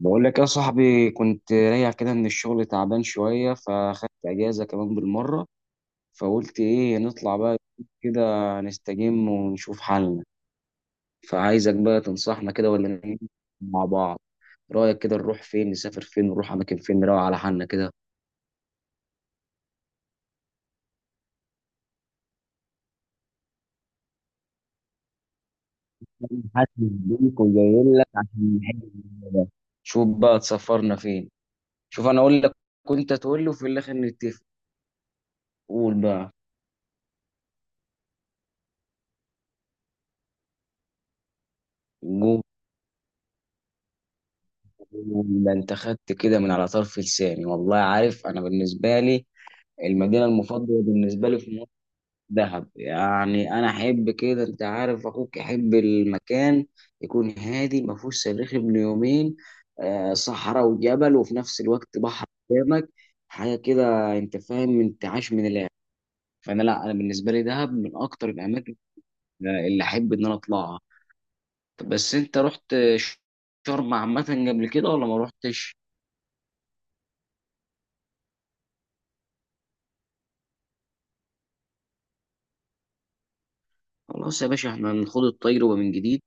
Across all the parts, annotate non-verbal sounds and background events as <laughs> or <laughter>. بقول لك يا صاحبي، كنت راجع كده من الشغل تعبان شوية، فاخدت أجازة كمان بالمرة. فقلت إيه، نطلع بقى كده، نستجم ونشوف حالنا. فعايزك بقى تنصحنا كده، ولا نعمل مع بعض، رأيك كده نروح فين؟ نسافر فين؟ نروح أماكن فين؟ نروق على حالنا كده. حاسس بيك وجاي لك عشان نحل الموضوع ده. شوف بقى تسافرنا فين. شوف، أنا أقول لك، كنت تقول لي وفي الآخر نتفق. قول بقى، قول. ده انت خدت كده من على طرف لساني والله. عارف انا بالنسبه لي المدينه المفضله بالنسبه لي في مصر دهب. يعني انا احب كده، انت عارف اخوك احب المكان يكون هادي ما فيهوش صريخ ابن يومين. صحراء وجبل، وفي نفس الوقت بحر قدامك، حاجه كده انت فاهم، انت عايش من الاخر. فانا، لا، انا بالنسبه لي دهب من اكتر الاماكن اللي احب ان انا اطلعها. طب بس انت رحت شرم عامه قبل كده ولا ما رحتش؟ خلاص يا باشا، احنا نخوض الطير ومن جديد،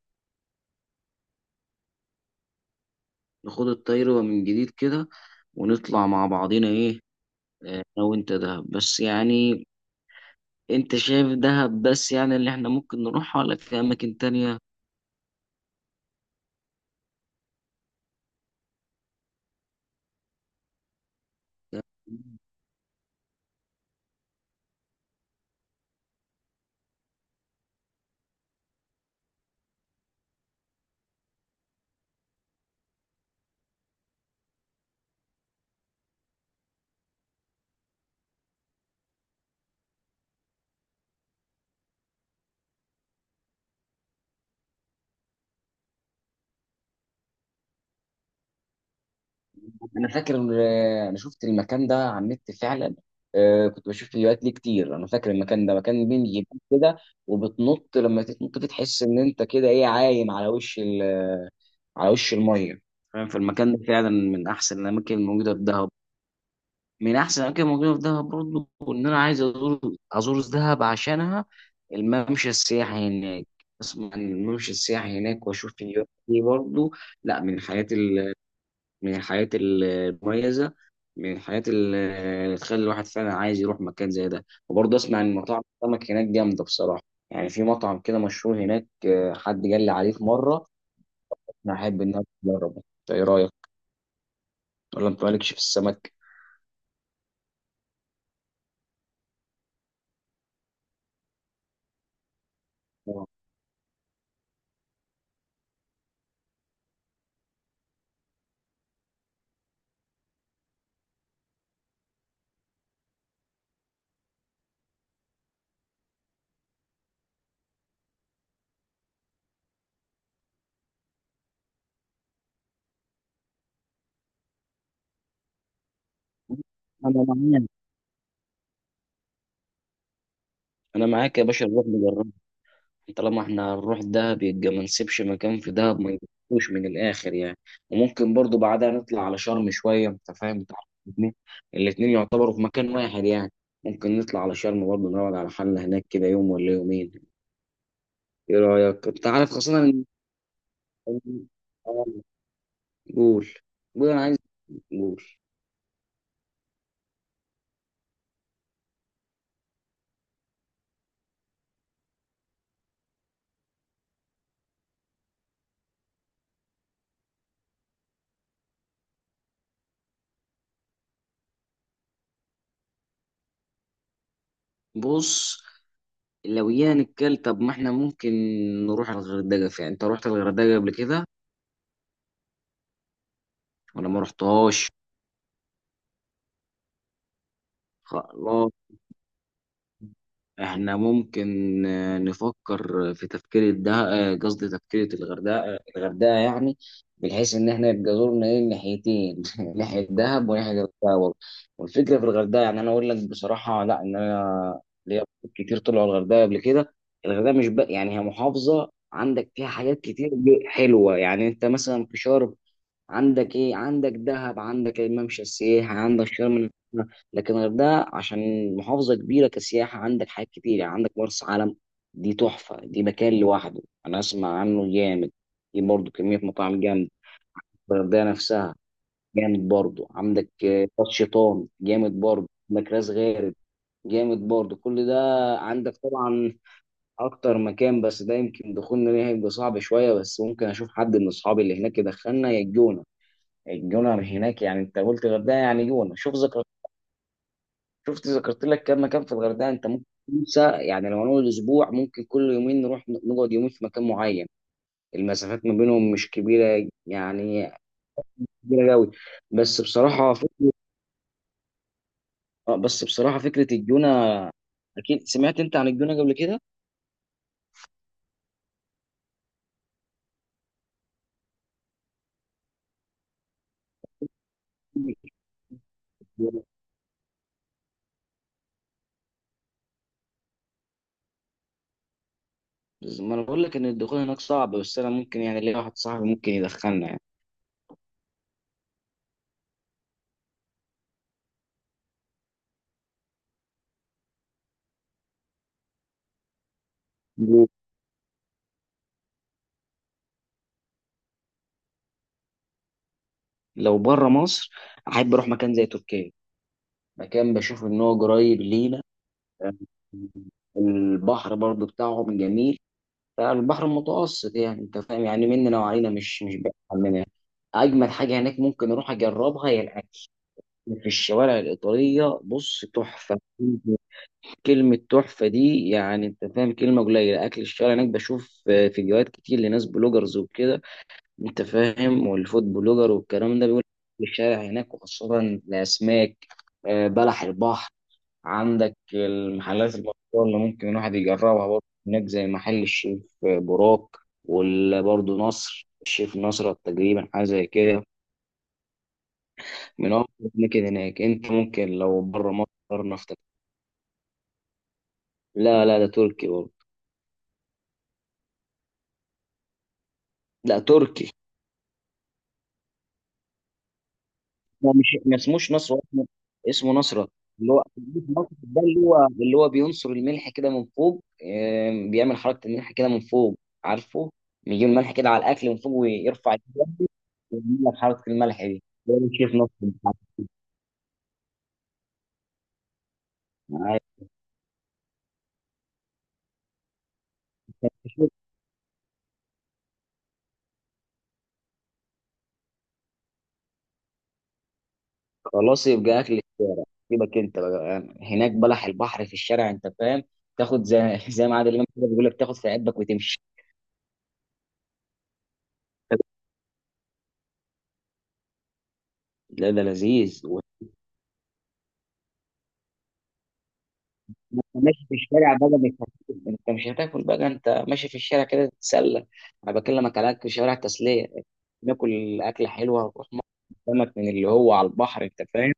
نخوض الطير ومن جديد كده، ونطلع مع بعضينا ايه. انا وانت دهب بس يعني، انت شايف دهب بس يعني اللي احنا ممكن نروحها، ولا في اماكن تانية؟ انا فاكر، انا شفت المكان ده على النت فعلا. كنت بشوف فيديوهات ليه كتير، انا فاكر المكان ده مكان بين جبال كده، وبتنط. لما تنط دي تحس ان انت كده ايه، عايم على وش على وش الميه، فاهم. فالمكان ده فعلا من احسن الاماكن الموجودة في دهب، من احسن الاماكن الموجوده في دهب برضه. ان انا عايز ازور دهب عشانها، الممشى السياحي هناك. اسمع عن الممشى السياحي هناك واشوف فيديوهات دي برضه. لا، من الحاجات من الحاجات المميزه، من الحاجات اللي تخلي الواحد فعلا عايز يروح مكان زي ده. وبرضه اسمع ان مطاعم السمك هناك جامده بصراحه، يعني في مطعم كده مشهور هناك، حد قال لي عليه في مره. انا احب ان انا اجربه، إنت ايه رايك؟ ولا انت مالكش في السمك؟ آه. انا معاك، انا معاك يا باشا، نروح نجرب. طالما احنا هنروح دهب يبقى ما نسيبش مكان في دهب ما نجربوش من الاخر يعني. وممكن برضو بعدها نطلع على شرم شويه، انت فاهم بتاع الاثنين. الاثنين يعتبروا في مكان واحد يعني، ممكن نطلع على شرم برضو، نقعد على حالنا هناك كده يوم ولا يومين. ايه رايك؟ انت عارف خاصه ان آه، قول، قول انا عايز، قول. بص، لو يعني الكل، طب ما احنا ممكن نروح الغردقه فعلا. انت رحت الغردقه قبل كده ولا ما رحتهاش؟ خلاص، احنا ممكن نفكر في تفكير الده، قصدي تفكير الغردقه. الغردقه يعني بحيث ان احنا يبقى زورنا ايه ناحيتين <laughs> ناحيه دهب وناحيه الغردقه برضه. والفكره في الغردقه، يعني انا اقول لك بصراحه، لا، ان انا ليا أصحاب كتير طلعوا الغردقه قبل كده. الغردقه مش بقى، يعني هي محافظه عندك فيها حاجات كتير حلوه يعني. انت مثلا في شرم عندك ايه؟ عندك دهب، عندك الممشى السياحي، عندك شرم الشيخ. لكن الغردقه، عشان محافظه كبيره كسياحه، عندك حاجات كتير يعني. عندك مرسى علم، دي تحفه، دي مكان لوحده انا اسمع عنه جامد. دي برضه كميه مطاعم جامد، الغردقه نفسها جامد برضه. عندك راس شيطان جامد برضه، عندك راس غارب جامد برضه، كل ده. عندك طبعا اكتر مكان، بس ده يمكن دخولنا ليه هيبقى صعب شويه، بس ممكن اشوف حد من اصحابي اللي هناك يدخلنا، يا الجونه. الجونر هناك يعني، انت قلت الغردقه يعني جونه. شوف ذكرت، شفت ذكرت لك كم مكان في الغردقه، انت ممكن تنسى يعني. لو نقول اسبوع، ممكن كل يومين نروح نقعد يومين في مكان معين، المسافات ما بينهم مش كبيره يعني. كبيره قوي، بس بصراحه فكره. اه، بس بصراحه فكره الجونه، اكيد سمعت انت عن الجونه قبل كده. ما انا بقول لك ان الدخول هناك صعب، بس انا ممكن يعني، ليا واحد صاحبي ممكن يدخلنا يعني. لو بره مصر، احب اروح مكان زي تركيا، مكان بشوف ان هو قريب لينا. البحر برضو بتاعهم جميل، فالبحر المتوسط يعني انت فاهم، يعني مننا وعلينا مش بعيد عننا. اجمل حاجه هناك ممكن اروح اجربها هي الاكل في الشوارع الايطاليه، بص تحفه. كلمه تحفه دي يعني انت فاهم كلمه قليله. اكل الشارع هناك بشوف فيديوهات كتير لناس بلوجرز وكده، انت فاهم، والفود بلوجر والكلام ده بيقول أكل الشارع هناك وخاصه الاسماك، بلح البحر. عندك المحلات المشهورة اللي ممكن الواحد يجربها برضه هناك، زي محل الشيف براك، وبرضه نصر. الشيف نصر تقريبا حاجة زي كده، من أكتر الأماكن هناك. أنت ممكن لو بره مصر نفطر. لا، لا، ده تركي برضه. لا، تركي. هو مش، ما اسموش نصر، هو اسمه نصرة. اللي هو نصرة ده، اللي هو بينصر الملح كده من فوق. بيعمل حركة الملح كده من فوق، عارفه. بيجيب الملح كده على الأكل من فوق ويرفع الجنب، ويعمل لك حركة الملح دي. هو ده شيف نصر، مش عارف. عارف. خلاص يبقى أكل الشارع. سيبك أنت بقى، هناك بلح البحر في الشارع أنت فاهم، تاخد زي ما عادل إمام كده بيقول لك، تاخد في عبك وتمشي. لا، ده لذيذ. ما انت ماشي في الشارع بقى، مش هت- انت مش هتاكل بقى، انت ماشي في الشارع كده تتسلى. انا بكلمك على اكل شوارع تسليه، ناكل اكله حلوه ونروح مطعم سمك من اللي هو على البحر، انت فاهم،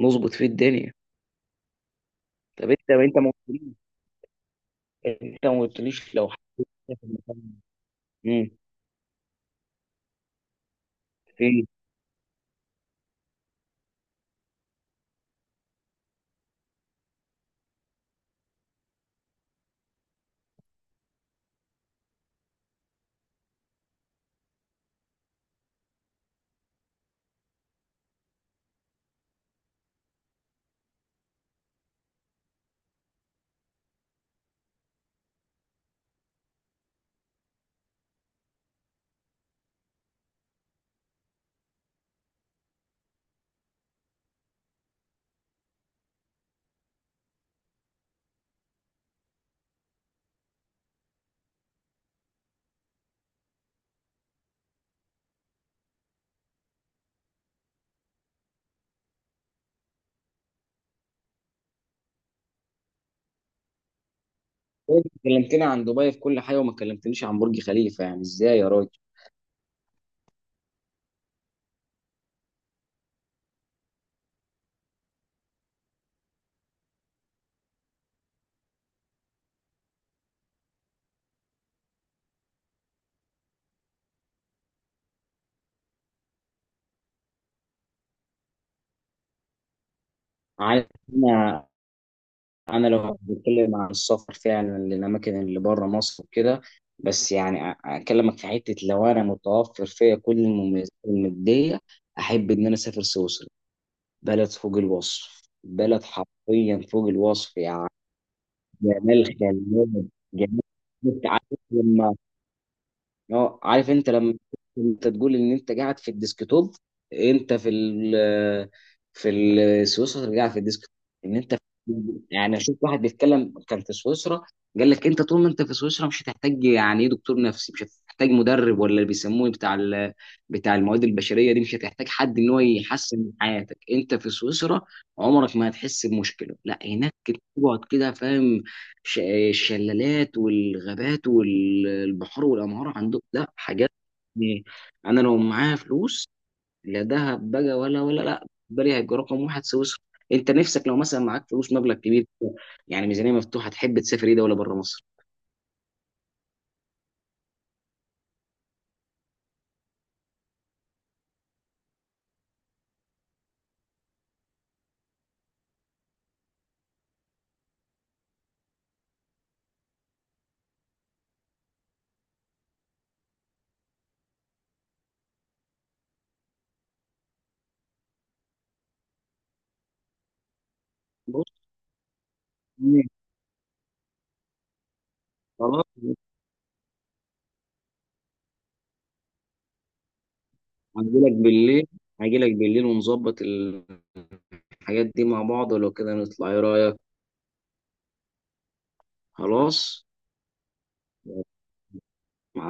نظبط فيه الدنيا. طب انت ما قلتليش، انت ما قلتليش لو حاجه في المكان، امم فين؟ انت كلمتني عن دبي في كل حاجه وما كلمتنيش عن برج خليفه، يعني ازاي يا راجل؟ عايز، انا لو بتكلم عن السفر فعلا للاماكن اللي بره مصر وكده، بس يعني اكلمك في حته، لو انا متوفر فيا كل المميزات الماديه، احب ان انا اسافر سويسرا. بلد فوق الوصف، بلد حرفيا فوق الوصف يعني، جمال خلاب، جمال. عارف لما، اه عارف انت لما انت تقول ان انت قاعد في الديسكتوب، انت في سويسرا قاعد في الديسكتوب، ان انت يعني، اشوف واحد بيتكلم كان في سويسرا، قال لك انت طول ما انت في سويسرا مش هتحتاج يعني ايه دكتور نفسي، مش هتحتاج مدرب، ولا اللي بيسموه بتاع المواد البشريه دي، مش هتحتاج حد ان هو يحسن من حياتك انت في سويسرا. عمرك ما هتحس بمشكله لا هناك، تقعد كده فاهم. ش- الشلالات والغابات والبحور والانهار عندهم، لا حاجات يعني. انا لو معايا فلوس، لا دهب بقى ولا لا بالي، هيبقى رقم واحد سويسرا. انت نفسك لو مثلا معاك فلوس مبلغ كبير، يعني ميزانيه مفتوحه، تحب تسافر ايه دوله بره مصر؟ بص، مم، خلاص. هجي لك بالليل، هجي لك بالليل ونظبط الحاجات دي مع بعض، ولو كده نطلع ايه رايك؟ خلاص.